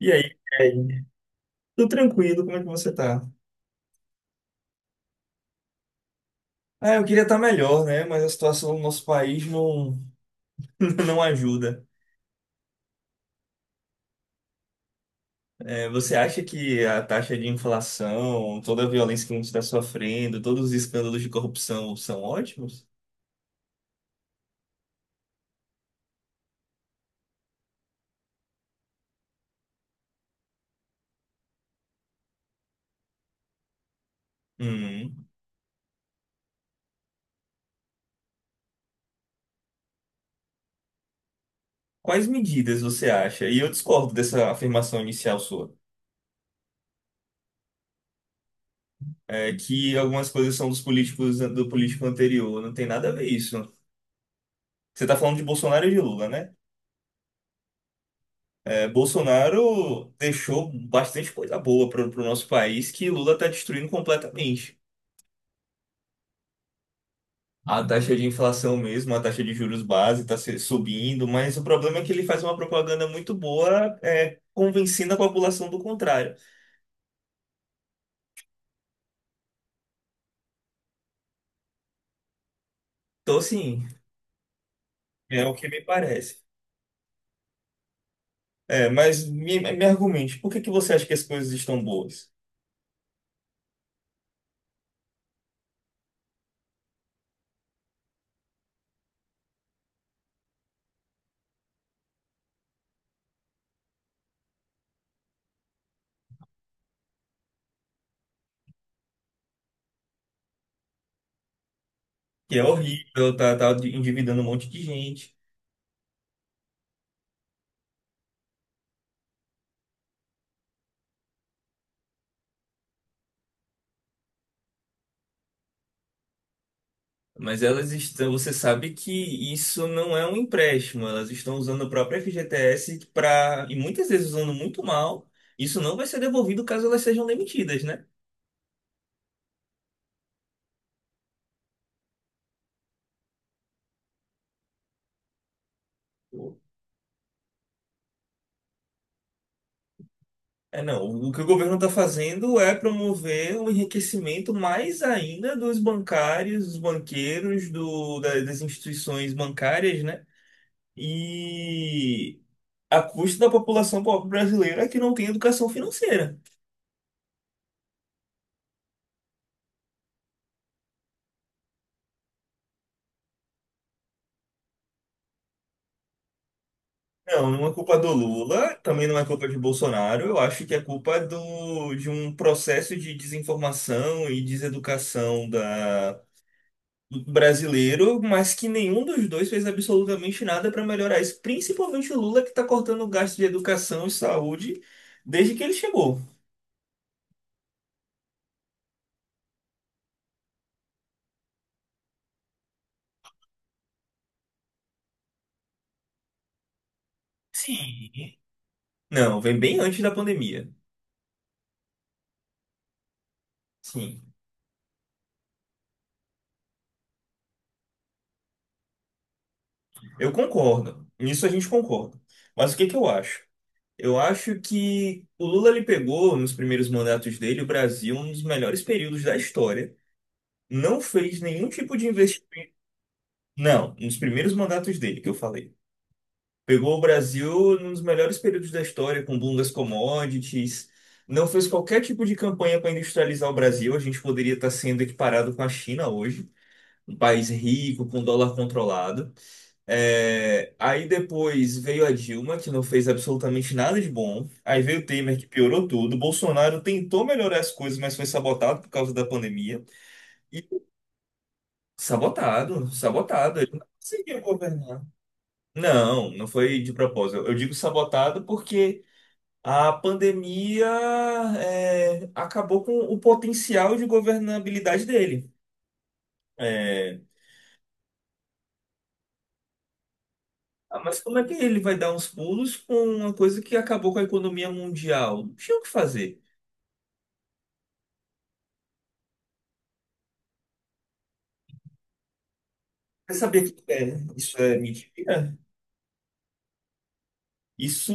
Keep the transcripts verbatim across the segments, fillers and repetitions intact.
E aí, Kelly? Tudo tranquilo, como é que você tá? Ah, eu queria estar melhor, né? Mas a situação do nosso país não, não ajuda. É, você acha que a taxa de inflação, toda a violência que a gente está sofrendo, todos os escândalos de corrupção são ótimos? Hum. Quais medidas você acha? E eu discordo dessa afirmação inicial sua, é, que algumas coisas são dos políticos do político anterior. Não tem nada a ver isso. Você está falando de Bolsonaro e de Lula, né? É, Bolsonaro deixou bastante coisa boa para o nosso país que Lula está destruindo completamente. A taxa de inflação mesmo, a taxa de juros base está subindo, mas o problema é que ele faz uma propaganda muito boa, é, convencendo a população do contrário. Então, assim, é o que me parece. É, mas me, me argumente, por que que você acha que as coisas estão boas? Que é horrível, tá, tá endividando um monte de gente. Mas elas estão, você sabe que isso não é um empréstimo, elas estão usando a própria F G T S para, e muitas vezes usando muito mal, isso não vai ser devolvido caso elas sejam demitidas, né? É, não, o que o governo está fazendo é promover o enriquecimento mais ainda dos bancários, dos banqueiros, do, da- das instituições bancárias, né? E a custa da população pobre brasileira que não tem educação financeira. Não, não é culpa do Lula, também não é culpa de Bolsonaro. Eu acho que é culpa do, de um processo de desinformação e deseducação da, do brasileiro, mas que nenhum dos dois fez absolutamente nada para melhorar isso. Principalmente o Lula, que está cortando o gasto de educação e saúde desde que ele chegou. Sim. Não, vem bem antes da pandemia. Sim, eu concordo. Nisso a gente concorda. Mas o que que eu acho? Eu acho que o Lula ele pegou nos primeiros mandatos dele o Brasil um dos melhores períodos da história. Não fez nenhum tipo de investimento. Não, nos primeiros mandatos dele que eu falei. Pegou o Brasil num dos melhores períodos da história, com o boom das commodities. Não fez qualquer tipo de campanha para industrializar o Brasil. A gente poderia estar sendo equiparado com a China hoje, um país rico, com dólar controlado. É, aí depois veio a Dilma, que não fez absolutamente nada de bom. Aí veio o Temer, que piorou tudo. Bolsonaro tentou melhorar as coisas, mas foi sabotado por causa da pandemia. E sabotado, sabotado. Ele não conseguiu governar. Não, não foi de propósito. Eu digo sabotado porque a pandemia é, acabou com o potencial de governabilidade dele. É, ah, mas como é que ele vai dar uns pulos com uma coisa que acabou com a economia mundial? Não tinha o que fazer. Você sabia que é, isso é mentira? Isso,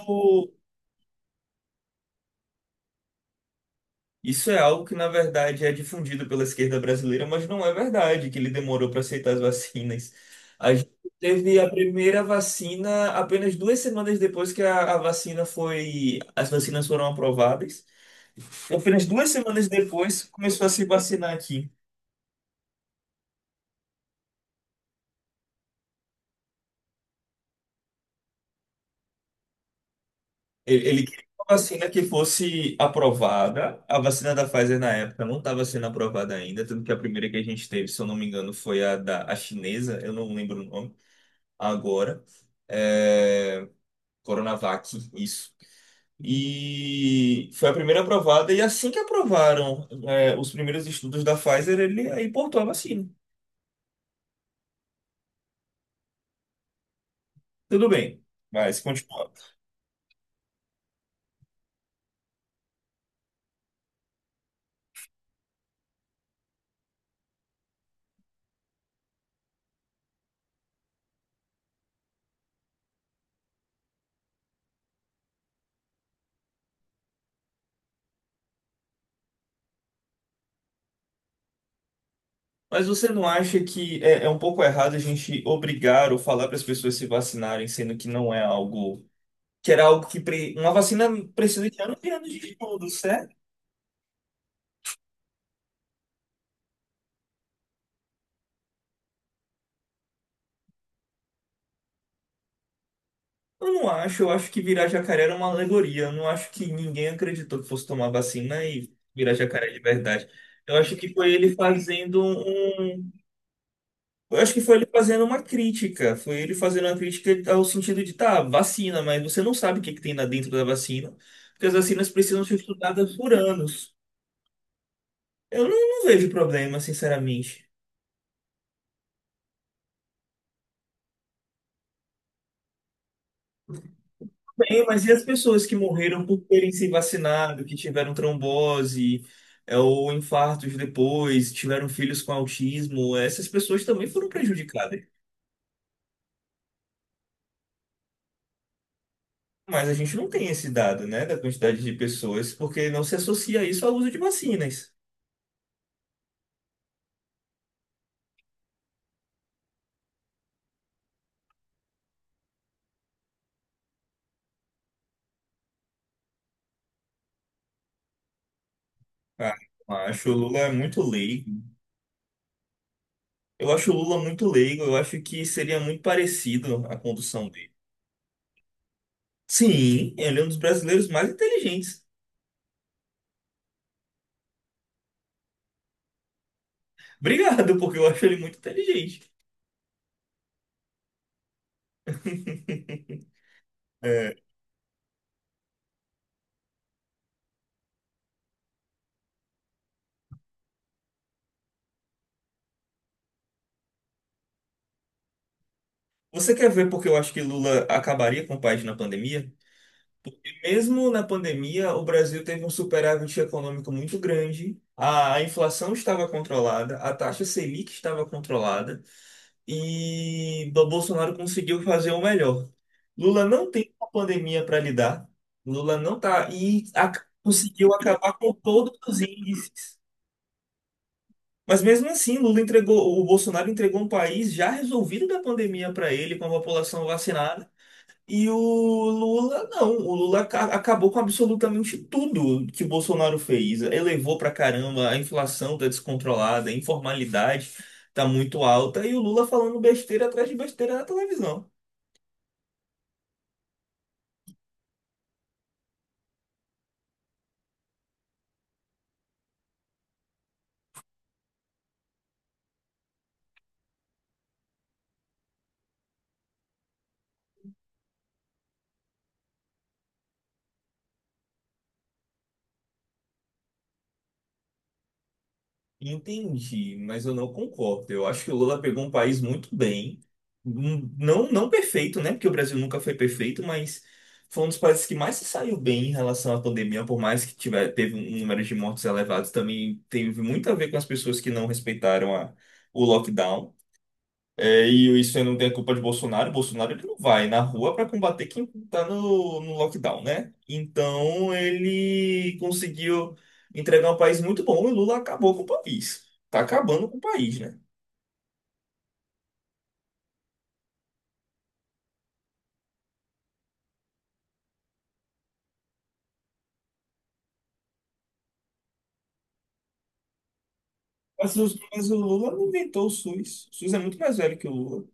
isso é algo que, na verdade, é difundido pela esquerda brasileira, mas não é verdade que ele demorou para aceitar as vacinas. A gente teve a primeira vacina apenas duas semanas depois que a, a vacina foi, as vacinas foram aprovadas. Apenas duas semanas depois começou a se vacinar aqui. Ele, ele queria uma vacina que fosse aprovada. A vacina da Pfizer na época não estava sendo aprovada ainda, tanto que a primeira que a gente teve, se eu não me engano, foi a da a chinesa, eu não lembro o nome agora. É, Coronavac, isso. E foi a primeira aprovada, e assim que aprovaram, é, os primeiros estudos da Pfizer, ele aí importou a vacina. Tudo bem, mas continua. Mas você não acha que é, é um pouco errado a gente obrigar ou falar para as pessoas se vacinarem, sendo que não é algo que era algo que pre- uma vacina precisa de anos e anos de estudo, certo? Eu não acho, eu acho que virar jacaré era uma alegoria. Eu não acho que ninguém acreditou que fosse tomar vacina e virar jacaré de verdade. Eu acho que foi ele fazendo um. Eu acho que foi ele fazendo uma crítica. Foi ele fazendo uma crítica ao sentido de, tá, vacina, mas você não sabe o que que tem lá dentro da vacina, porque as vacinas precisam ser estudadas por anos. Eu não, não vejo problema, sinceramente. Bem, mas e as pessoas que morreram por terem se vacinado, que tiveram trombose, é, ou infartos depois, tiveram filhos com autismo, essas pessoas também foram prejudicadas. Mas a gente não tem esse dado, né, da quantidade de pessoas, porque não se associa isso ao uso de vacinas. Ah, eu acho o Lula é muito leigo. Eu acho o Lula muito leigo, eu acho que seria muito parecido a condução dele. Sim, ele é um dos brasileiros mais inteligentes. Obrigado, porque eu acho ele muito inteligente. É. Você quer ver porque eu acho que Lula acabaria com o país na pandemia? Mesmo na pandemia, o Brasil teve um superávit econômico muito grande, a inflação estava controlada, a taxa Selic estava controlada e o Bolsonaro conseguiu fazer o melhor. Lula não tem uma pandemia para lidar, Lula não tá e a- conseguiu acabar com todos os índices. Mas mesmo assim, Lula entregou, o Bolsonaro entregou um país já resolvido da pandemia para ele, com a população vacinada. E o Lula, não. O Lula aca- acabou com absolutamente tudo que Bolsonaro fez. Elevou pra caramba, a inflação tá descontrolada, a informalidade tá muito alta. E o Lula falando besteira atrás de besteira na televisão. Entendi, mas eu não concordo. Eu acho que o Lula pegou um país muito bem. Um- não, não perfeito, né? Porque o Brasil nunca foi perfeito, mas foi um dos países que mais se saiu bem em relação à pandemia, por mais que tiver, teve um número de mortes elevados, também teve muito a ver com as pessoas que não respeitaram a, o lockdown. É, e isso aí não tem a culpa de Bolsonaro. Bolsonaro ele não vai na rua para combater quem está no, no lockdown, né? Então ele conseguiu entregar um país muito bom e Lula acabou com o país. Tá acabando com o país, né? Mas, os- mas o Lula não inventou o SUS. O SUS é muito mais velho que o Lula.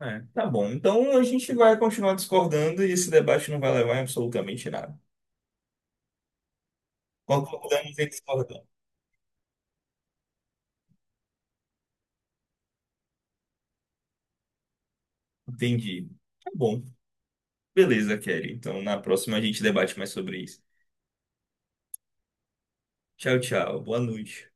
É, tá bom. Então a gente vai continuar discordando e esse debate não vai levar em absolutamente nada. Concordamos e discordamos. Entendi. Tá bom. Beleza, Kelly. Então na próxima a gente debate mais sobre isso. Tchau, tchau. Boa noite.